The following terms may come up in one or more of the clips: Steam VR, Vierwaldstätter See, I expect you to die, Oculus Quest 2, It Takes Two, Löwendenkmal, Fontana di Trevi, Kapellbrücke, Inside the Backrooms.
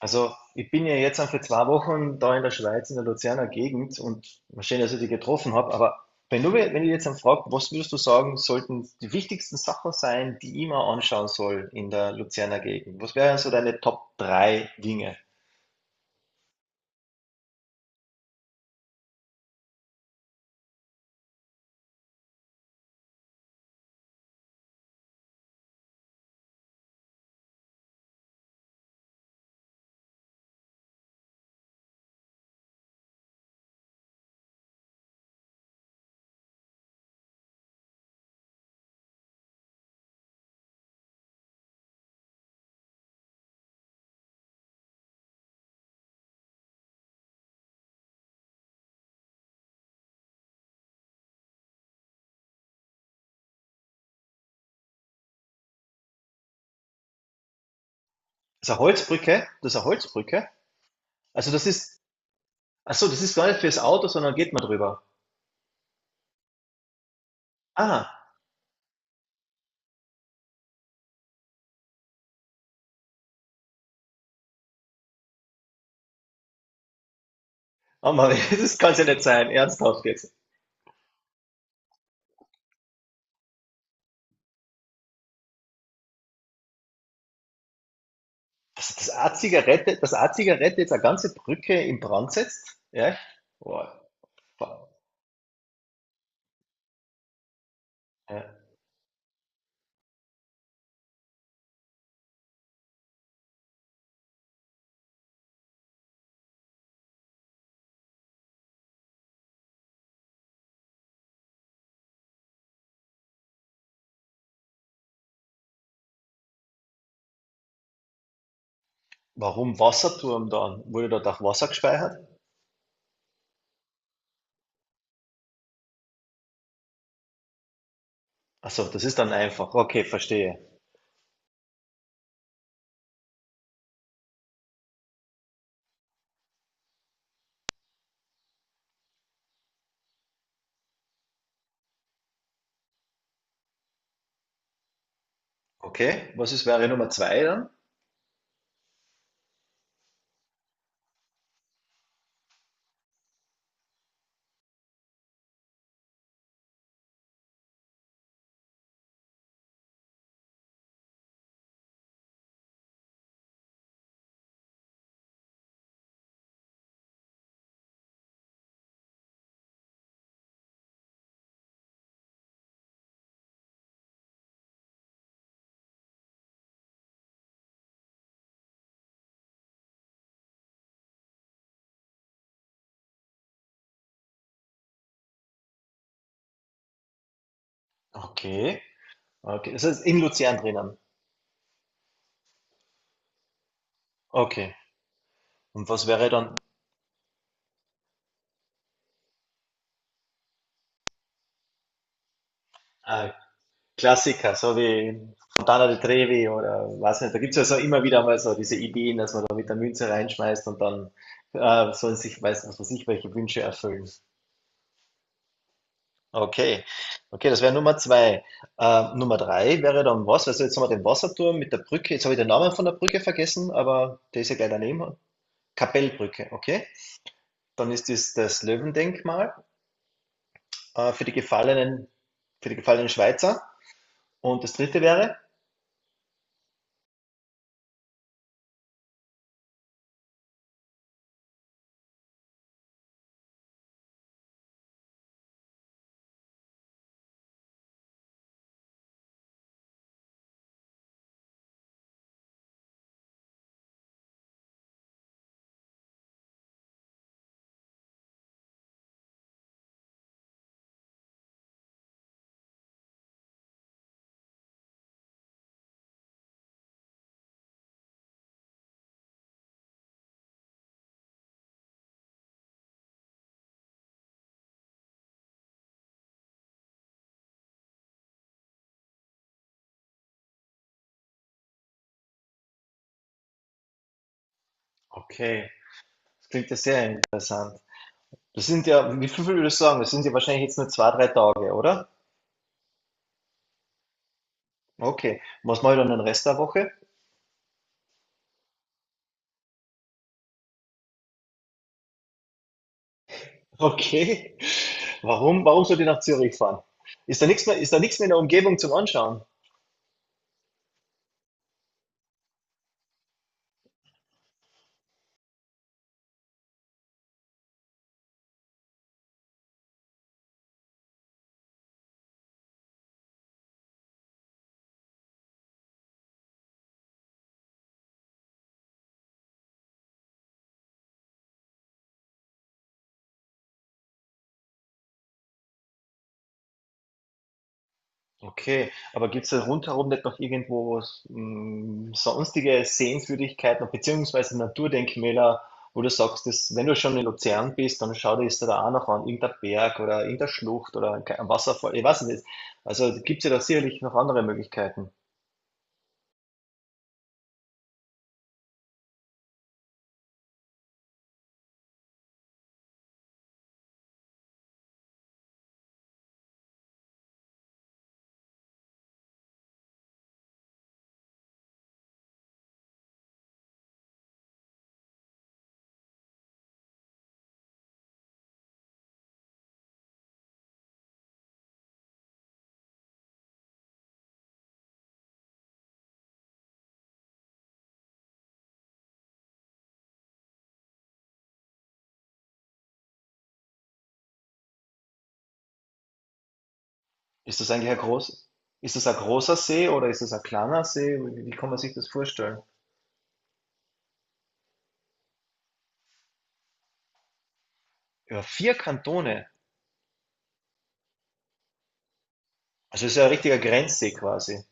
Also, ich bin ja jetzt für 2 Wochen da in der Schweiz, in der Luzerner Gegend und mal schön, dass ich dich getroffen habe. Aber wenn du, mir- wenn ich jetzt dann frage, was würdest du sagen, sollten die wichtigsten Sachen sein, die ich mir anschauen soll in der Luzerner Gegend? Was wären so deine Top drei Dinge? Das ist eine Holzbrücke, das ist eine Holzbrücke. Also, ach so, das ist gar nicht fürs Auto, sondern geht man drüber. Ah, oh Mann, das kann es ja nicht sein, ernsthaft jetzt. Dass das A-Zigarette jetzt eine ganze Brücke in Brand setzt? Ja? Boah. Ja. Warum Wasserturm dann? Wurde dort auch Wasser gespeichert? Ach so, das ist dann einfach. Okay, verstehe. Okay, was ist wäre Nummer zwei dann? Okay, okay, das ist in Luzern drinnen. Okay, und was wäre dann ein Klassiker, so wie Fontana di Trevi oder was nicht? Da gibt es ja so immer wieder mal so diese Ideen, dass man da mit der Münze reinschmeißt und dann sollen sich, weiß was weiß ich, welche Wünsche erfüllen. Okay, okay, das wäre Nummer zwei. Nummer drei wäre dann was? Also jetzt haben wir den Wasserturm mit der Brücke. Jetzt habe ich den Namen von der Brücke vergessen, aber der ist ja gleich daneben. Kapellbrücke, okay. Dann ist das das Löwendenkmal äh, für die gefallenen, für die gefallenen Schweizer. Und das dritte wäre? Okay, das klingt ja sehr interessant. Das sind ja, wie viel würdest du sagen? Das sind ja wahrscheinlich jetzt nur 2, 3 Tage, oder? Okay. Und was mache ich dann den Rest der Woche? Okay. Warum sollt ihr nach Zürich fahren? Ist da nichts mehr, ist da nichts mehr in der Umgebung zum Anschauen? Okay, aber gibt es da rundherum nicht noch irgendwo was, sonstige Sehenswürdigkeiten beziehungsweise Naturdenkmäler, wo du sagst, dass, wenn du schon in Luzern bist, dann schau dir das da auch noch an, irgendein Berg oder irgendeine Schlucht oder ein Wasserfall, ich weiß es nicht. Also gibt es ja da sicherlich noch andere Möglichkeiten. Ist das eigentlich ein groß, ist das ein großer See oder ist das ein kleiner See? Wie kann man sich das vorstellen? Über vier Kantone. Also es ist ja ein richtiger Grenzsee quasi.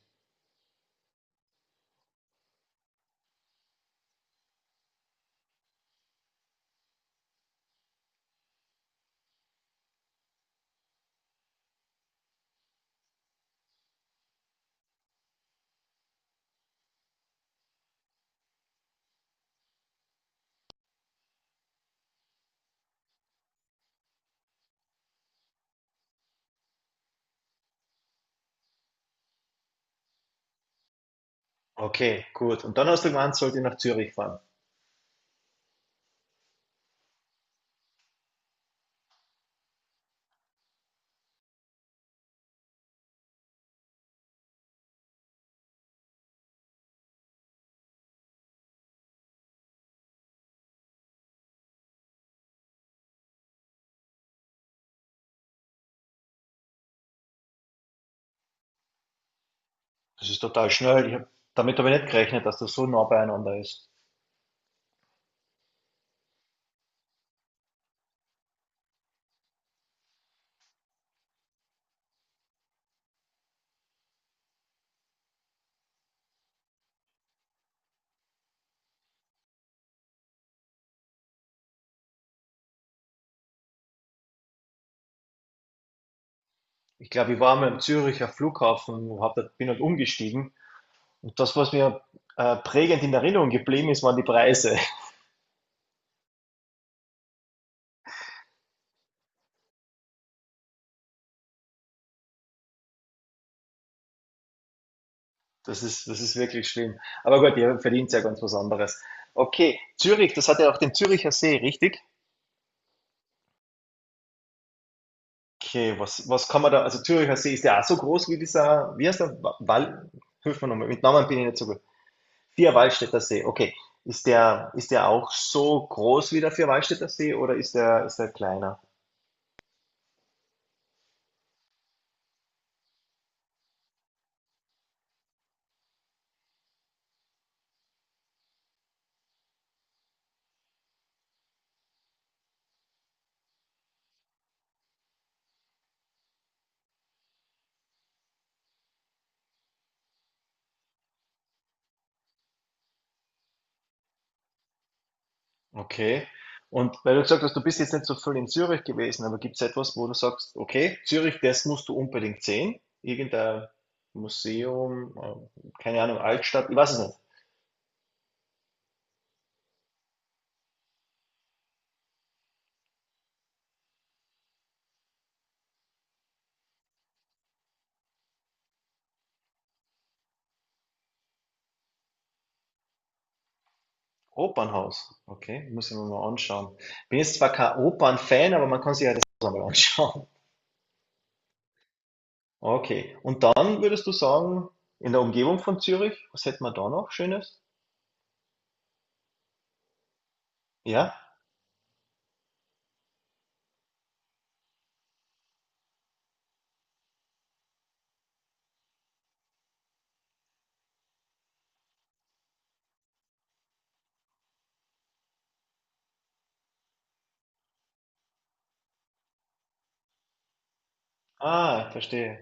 Okay, gut. Und dann hast du gemeint, sollte ich nach Zürich fahren. Das ist total schnell. Damit habe ich nicht gerechnet, dass das so nah beieinander ist. Ich glaube, ich war mal am Züricher Flughafen, bin halt umgestiegen. Und das, was mir prägend in Erinnerung geblieben ist, waren die Preise. Das ist wirklich schlimm. Aber gut, ihr verdient ja ganz was anderes. Okay, Zürich, das hat ja auch den Züricher See, richtig? Okay, was kann man da, also Züricher See ist ja auch so groß wie dieser, wie heißt der? Hilf mir nochmal, mit Namen bin ich nicht so gut. Vierwaldstätter See, okay. Ist der auch so groß wie der Vierwaldstätter See oder ist der kleiner? Okay. Und weil du gesagt hast, du bist jetzt nicht so viel in Zürich gewesen, aber gibt es etwas, wo du sagst, okay, Zürich, das musst du unbedingt sehen? Irgendein Museum, keine Ahnung, Altstadt, ich weiß es nicht. Opernhaus, okay, muss ich mir mal anschauen. Bin jetzt zwar kein Opernfan, aber man kann sich ja das mal anschauen. Okay, und dann würdest du sagen, in der Umgebung von Zürich, was hätten wir da noch Schönes? Ja? Ah, verstehe.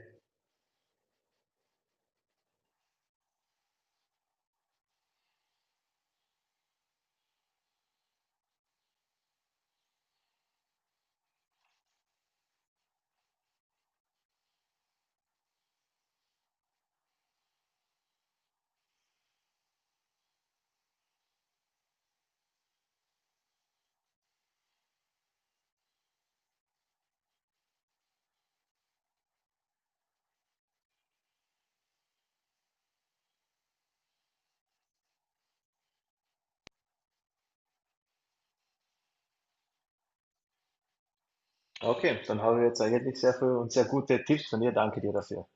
Okay, dann haben wir jetzt eigentlich sehr viel und sehr gute Tipps von dir. Danke dir dafür.